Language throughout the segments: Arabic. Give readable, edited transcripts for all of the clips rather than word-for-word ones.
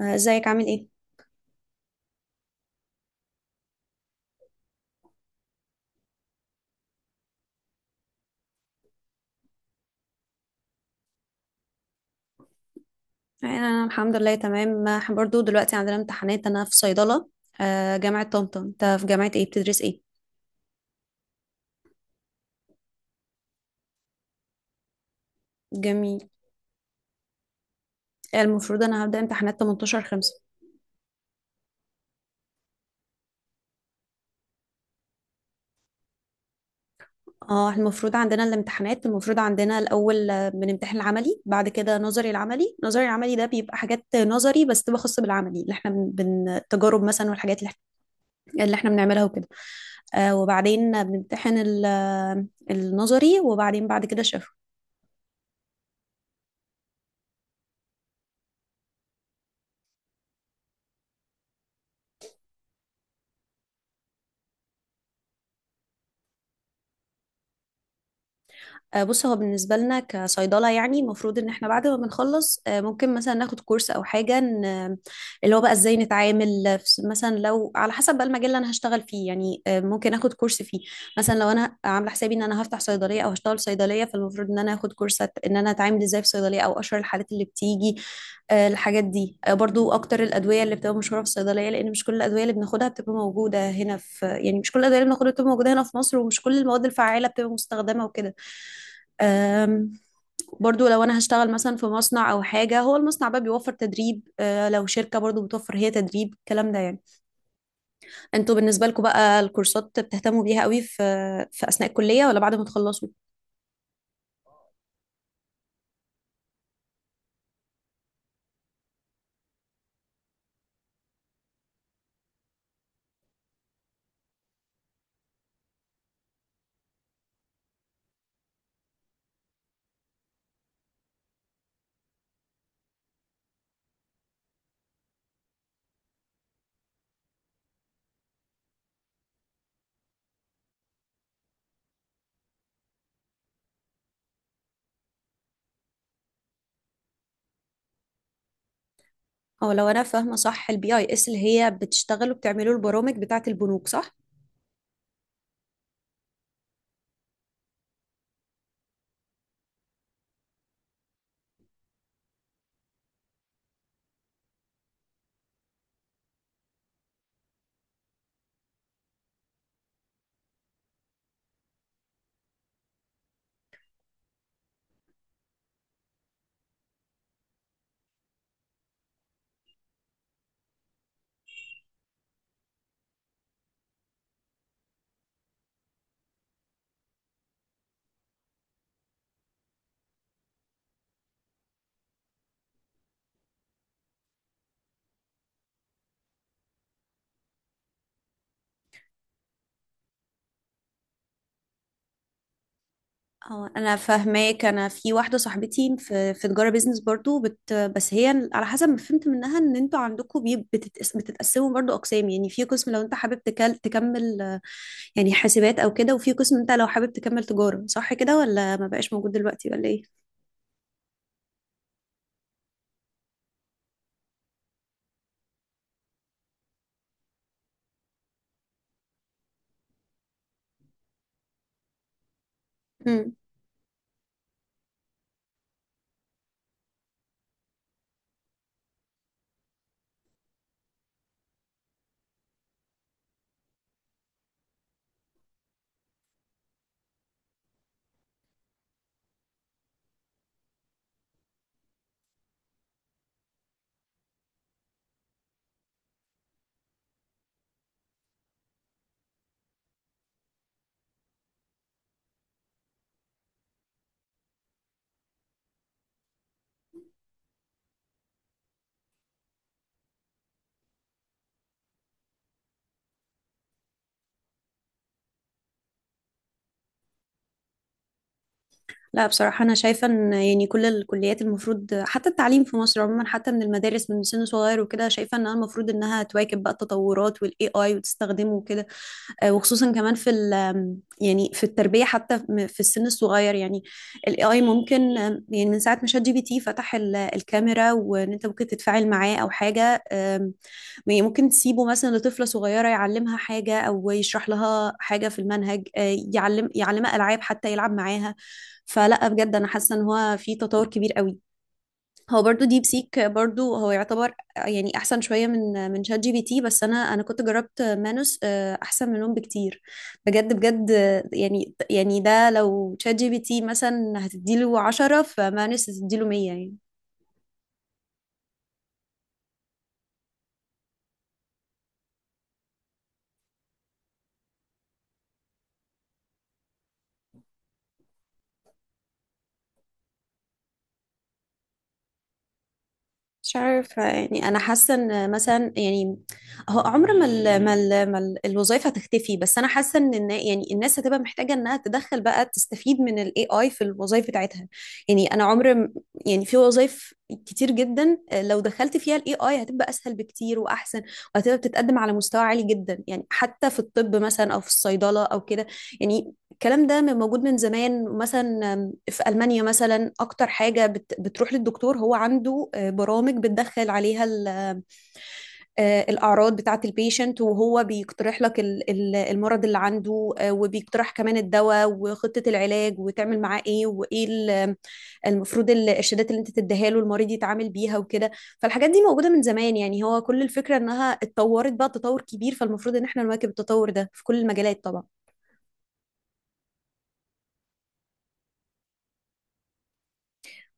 ازيك عامل ايه؟ انا الحمد لله تمام، برضو دلوقتي عندنا امتحانات، انا في صيدلة، جامعة طنطا. انت في جامعة ايه بتدرس ايه؟ جميل. المفروض انا هبدأ امتحانات 18 5. اه، المفروض عندنا الامتحانات، المفروض عندنا الاول بنمتحن العملي، بعد كده نظري. العملي نظري، العملي ده بيبقى حاجات نظري بس تبقى خاصة بالعملي اللي احنا التجارب مثلا، والحاجات اللي احنا بنعملها وكده. وبعدين بنمتحن النظري، وبعدين بعد كده. بص، هو بالنسبة لنا كصيدلة، يعني المفروض ان احنا بعد ما بنخلص ممكن مثلا ناخد كورس او حاجة اللي هو بقى ازاي نتعامل مثلا لو على حسب بقى المجال اللي انا هشتغل فيه، يعني ممكن اخد كورس فيه. مثلا لو انا عاملة حسابي ان انا هفتح صيدلية او هشتغل في صيدلية، فالمفروض ان انا اخد كورس ان انا اتعامل ازاي في صيدلية، او اشهر الحالات اللي بتيجي، الحاجات دي. برضو اكتر الادوية اللي بتبقى مشهورة في الصيدلية، لان مش كل الادوية اللي بناخدها بتبقى موجودة هنا، في يعني مش كل الادوية اللي بناخدها بتبقى موجودة هنا في مصر، ومش كل المواد الفعالة بتبقى مستخدمة وكده. أم، برضو لو انا هشتغل مثلا في مصنع او حاجه، هو المصنع بقى بيوفر تدريب، لو شركه برضو بتوفر هي تدريب، الكلام ده يعني. انتوا بالنسبه لكم بقى الكورسات بتهتموا بيها قوي في في اثناء الكليه، ولا بعد ما تخلصوا؟ او لو انا فاهمه صح، البي اي اس اللي هي بتشتغل وبتعملوا البرامج بتاعه البنوك، صح؟ اه انا فاهماك. انا في واحده صاحبتي في في تجاره بيزنس برضو، بس هي على حسب ما فهمت منها ان انتوا عندكم بتتقسموا برضو اقسام، يعني في قسم لو انت حابب تكمل يعني حاسبات او كده، وفي قسم انت لو حابب تكمل تجاره، صح كده، ولا ما بقاش موجود دلوقتي، ولا ايه؟ مم. لا بصراحه، انا شايفه ان يعني كل الكليات المفروض، حتى التعليم في مصر عموما حتى من المدارس من سن صغير وكده، شايفه انها المفروض انها تواكب بقى التطورات والاي اي وتستخدمه وكده. وخصوصا كمان في ال آم، يعني في التربية، حتى في السن الصغير، يعني الاي اي ممكن، يعني من ساعة ما شات جي بي تي فتح الكاميرا، وان انت ممكن تتفاعل معاه او حاجة. يعني ممكن تسيبه مثلا لطفلة صغيرة يعلمها حاجة، او يشرح لها حاجة في المنهج، يعلمها العاب، حتى يلعب معاها. فلا، بجد انا حاسة ان هو في تطور كبير قوي. هو برضو ديب سيك برضو هو يعتبر يعني احسن شويه من من شات جي بي تي، بس انا كنت جربت مانوس، احسن منهم بكتير. بجد بجد، يعني ده لو شات جي بي تي مثلا هتديله عشرة، فمانوس هتديله مية يعني. مش عارفة يعني، أنا حاسة إن مثلا يعني هو عمر ما ال ما ال ما ال الوظائف هتختفي، بس أنا حاسة إن يعني الناس هتبقى محتاجة إنها تدخل بقى، تستفيد من ال AI في الوظائف بتاعتها. يعني أنا يعني في وظائف كتير جدا، لو دخلت فيها ال AI هتبقى أسهل بكتير وأحسن، وهتبقى بتتقدم على مستوى عالي جدا، يعني حتى في الطب مثلا، أو في الصيدلة أو كده. يعني الكلام ده موجود من زمان، مثلا في ألمانيا مثلا، أكتر حاجة بتروح للدكتور هو عنده برامج بتدخل عليها الأعراض بتاعة البيشنت، وهو بيقترح لك المرض اللي عنده، وبيقترح كمان الدواء وخطة العلاج، وتعمل معاه إيه، وإيه المفروض الشدات اللي أنت تديها له، المريض يتعامل بيها وكده. فالحاجات دي موجودة من زمان، يعني هو كل الفكرة إنها اتطورت بقى تطور كبير، فالمفروض إن إحنا نواكب التطور ده في كل المجالات طبعا.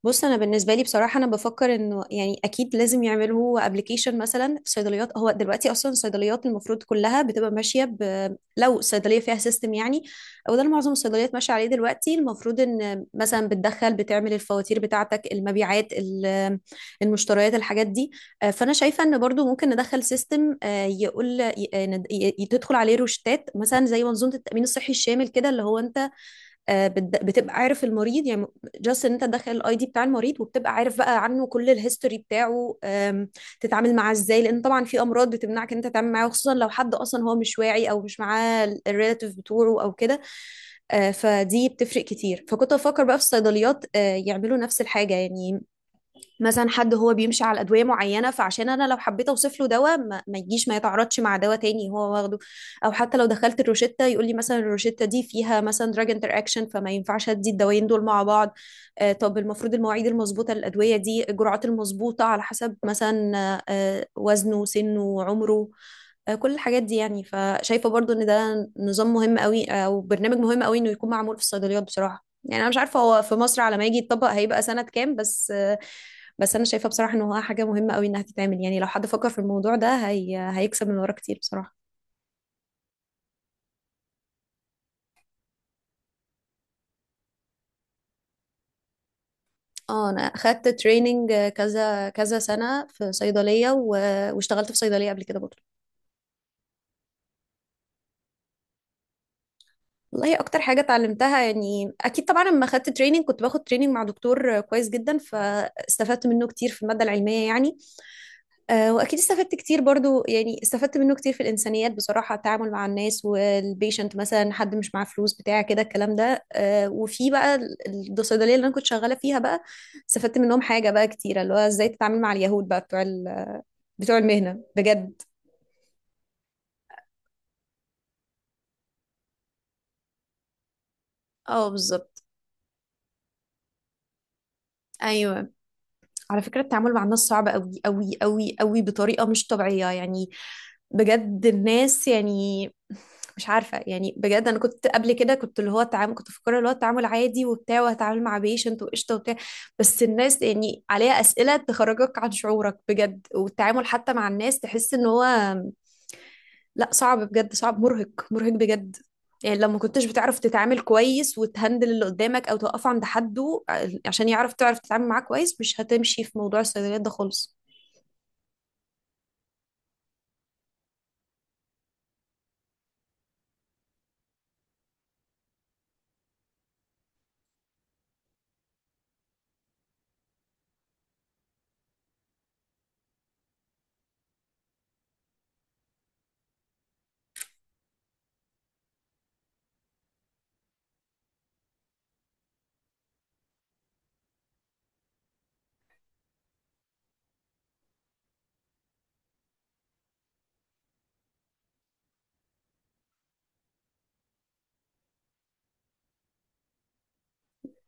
بص، انا بالنسبه لي بصراحه انا بفكر انه يعني اكيد لازم يعملوا ابلكيشن مثلا في صيدليات. هو دلوقتي اصلا الصيدليات المفروض كلها بتبقى ماشيه، ب... لو صيدليه فيها سيستم يعني، او ده اللي معظم الصيدليات ماشيه عليه دلوقتي، المفروض ان مثلا بتدخل بتعمل الفواتير بتاعتك، المبيعات المشتريات، الحاجات دي. فانا شايفه ان برضو ممكن ندخل سيستم يقول ي- تدخل عليه روشتات، مثلا زي منظومه التامين الصحي الشامل كده، اللي هو انت بتبقى عارف المريض يعني. جاست ان انت تدخل الاي دي بتاع المريض، وبتبقى عارف بقى عنه كل الهيستوري بتاعه. تتعامل معاه ازاي، لان طبعا في امراض بتمنعك ان انت تتعامل معاه، خصوصا لو حد اصلا هو مش واعي، او مش معاه الريلاتيف بتوعه او كده. فدي بتفرق كتير. فكنت بفكر بقى في الصيدليات يعملوا نفس الحاجة يعني. مثلا حد هو بيمشي على ادويه معينه، فعشان انا لو حبيت اوصف له دواء ما يجيش، ما يتعارضش مع دواء تاني هو واخده، او حتى لو دخلت الروشته يقول لي مثلا الروشته دي فيها مثلا دراج انتر اكشن، فما ينفعش ادي الدوايين دول مع بعض. طب المفروض المواعيد المظبوطه للادويه دي، الجرعات المظبوطه على حسب مثلا وزنه، سنه، عمره. كل الحاجات دي يعني. فشايفه برضو ان ده نظام مهم قوي، او برنامج مهم قوي انه يكون معمول في الصيدليات بصراحه. يعني انا مش عارفه هو في مصر على ما يجي يتطبق هيبقى سنه كام، بس انا شايفه بصراحه ان هو حاجه مهمه قوي انها تتعمل. يعني لو حد فكر في الموضوع ده، هي... هيكسب من ورا كتير بصراحه. اه انا اخدت تريننج كذا كذا سنه في صيدليه، و... واشتغلت في صيدليه قبل كده برضه. والله اكتر حاجه اتعلمتها، يعني اكيد طبعا لما خدت تريننج كنت باخد تريننج مع دكتور كويس جدا، فاستفدت منه كتير في الماده العلميه يعني. واكيد استفدت كتير برضو. يعني استفدت منه كتير في الانسانيات بصراحه، التعامل مع الناس والبيشنت، مثلا حد مش معاه فلوس بتاع كده الكلام ده. وفي بقى الصيدليه اللي انا كنت شغاله فيها بقى، استفدت منهم حاجه بقى كتيره، اللي هو ازاي تتعامل مع اليهود بقى بتوع بتوع المهنه بجد. اه بالظبط. ايوه، على فكرة التعامل مع الناس صعب قوي قوي قوي قوي بطريقة مش طبيعية يعني. بجد الناس يعني مش عارفة يعني. بجد أنا كنت قبل كده كنت اللي هو التعامل، كنت فاكرة اللي هو التعامل عادي وبتاع، وهتعامل مع بيشنت وقشطة وبتاع، بس الناس يعني عليها أسئلة تخرجك عن شعورك بجد، والتعامل حتى مع الناس تحس إن هو لا، صعب بجد، صعب مرهق مرهق بجد. يعني لو ما كنتش بتعرف تتعامل كويس وتهندل اللي قدامك او توقفه عند حده، عشان تعرف تتعامل معاه كويس، مش هتمشي في موضوع الصيدليات ده خالص.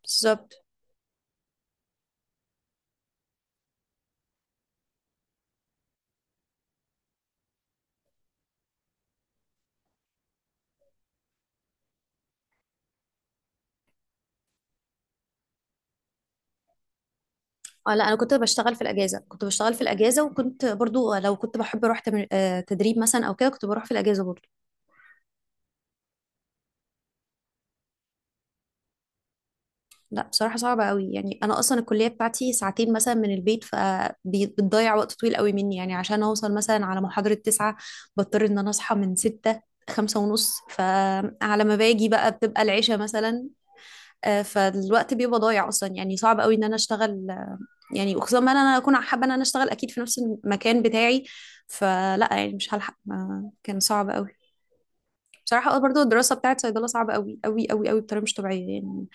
بالظبط. اه لا، انا كنت بشتغل في الاجازه كنت بشتغل في الاجازه، وكنت برضو لو كنت بحب اروح تمر... آه، تدريب مثلا او كده كنت بروح في الاجازه برضو. لا بصراحة صعبة قوي، يعني أنا أصلا الكلية بتاعتي ساعتين مثلا من البيت، فبتضيع وقت طويل قوي مني، يعني عشان أوصل مثلا على محاضرة تسعة، بضطر إن أنا أصحى من ستة، خمسة ونص، فعلى ما باجي بقى بتبقى العشاء مثلا. فالوقت بيبقى ضايع أصلا، يعني صعب قوي إن أنا أشتغل، يعني وخصوصا ما أنا أكون حابة إن أنا أشتغل أكيد في نفس المكان بتاعي. فلا يعني مش هلحق، كان صعب قوي. بصراحة برضو الدراسة بتاعت صيدلة صعبة قوي قوي قوي قوي بطريقة مش طبيعية يعني.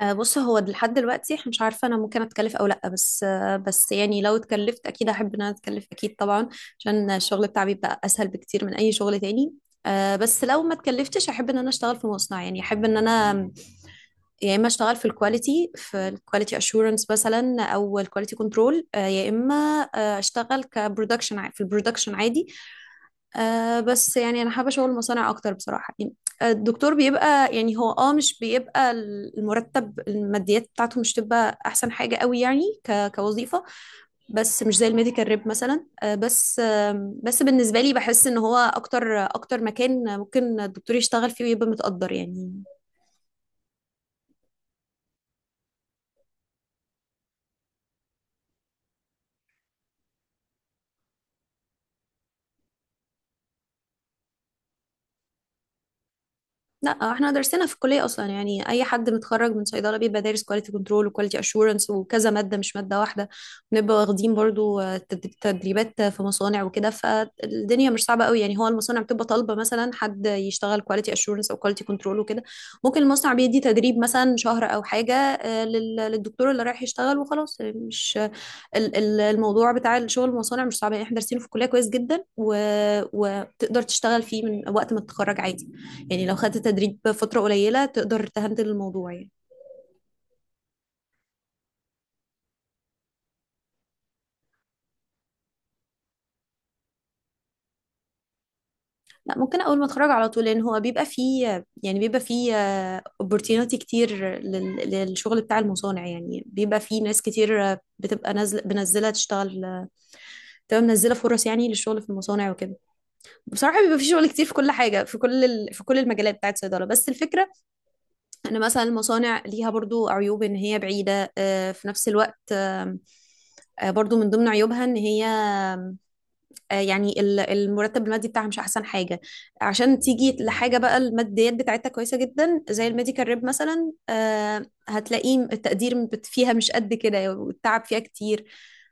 بص، هو لحد دلوقتي احنا مش عارفه انا ممكن اتكلف او لا، بس يعني لو اتكلفت اكيد احب ان انا اتكلف، اكيد طبعا، عشان الشغل بتاعي بيبقى اسهل بكتير من اي شغل تاني. بس لو ما اتكلفتش احب ان انا اشتغل في مصنع، يعني احب ان انا يا اما اشتغل في الكواليتي، في الكواليتي اشورنس مثلا، او الكواليتي كنترول، يا اما اشتغل كبرودكشن، في البرودكشن عادي. بس يعني انا حابه شغل المصانع اكتر بصراحه يعني. الدكتور بيبقى يعني هو اه مش بيبقى، المرتب الماديات بتاعته مش تبقى احسن حاجه قوي يعني كوظيفه، بس مش زي الميديكال ريب مثلا. بس بالنسبه لي بحس ان هو اكتر اكتر مكان ممكن الدكتور يشتغل فيه ويبقى متقدر يعني. لا احنا درسنا في الكليه اصلا، يعني اي حد متخرج من صيدله بيبقى دارس كواليتي كنترول وكواليتي اشورنس وكذا ماده، مش ماده واحده. بنبقى واخدين برضو تدريبات في مصانع وكده. فالدنيا مش صعبه قوي، يعني هو المصانع بتبقى طالبه مثلا حد يشتغل كواليتي اشورنس او كواليتي كنترول وكده. ممكن المصنع بيدي تدريب مثلا شهر او حاجه للدكتور اللي رايح يشتغل وخلاص. مش الموضوع بتاع الشغل المصانع مش صعب يعني، احنا دارسينه في الكليه كويس جدا، و... وتقدر تشتغل فيه من وقت ما تتخرج عادي، يعني لو خدت تدريب فتره قليله تقدر تهندل الموضوع يعني. لا ممكن اول ما اتخرج على طول، لان هو بيبقى فيه، يعني بيبقى فيه opportunity كتير لل... للشغل بتاع المصانع، يعني بيبقى فيه ناس كتير بتبقى نازله بنزله تشتغل، بتبقى منزله فرص يعني للشغل في المصانع وكده. بصراحه بيبقى فيه شغل كتير في كل حاجه، في كل ال... في كل المجالات بتاعت الصيدله، بس الفكره ان مثلا المصانع ليها برضو عيوب، ان هي بعيدة في نفس الوقت. آم، آه، برضو من ضمن عيوبها ان هي يعني المرتب المادي بتاعها مش احسن حاجة، عشان تيجي لحاجة بقى الماديات بتاعتها كويسة جدا زي الميديكال ريب مثلا. هتلاقيه التقدير فيها مش قد كده، والتعب فيها كتير.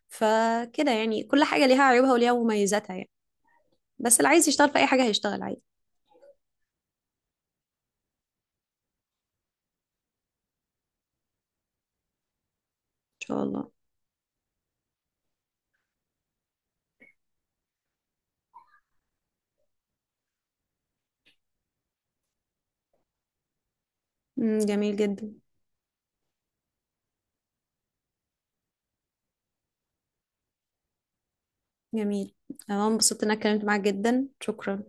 فكده يعني كل حاجة ليها عيوبها وليها مميزاتها يعني، بس اللي عايز يشتغل في اي حاجة هيشتغل عادي. ان شاء الله. مم، جميل جدا. جميل، انا انبسطت ان انا اتكلمت معاك جدا، شكرا.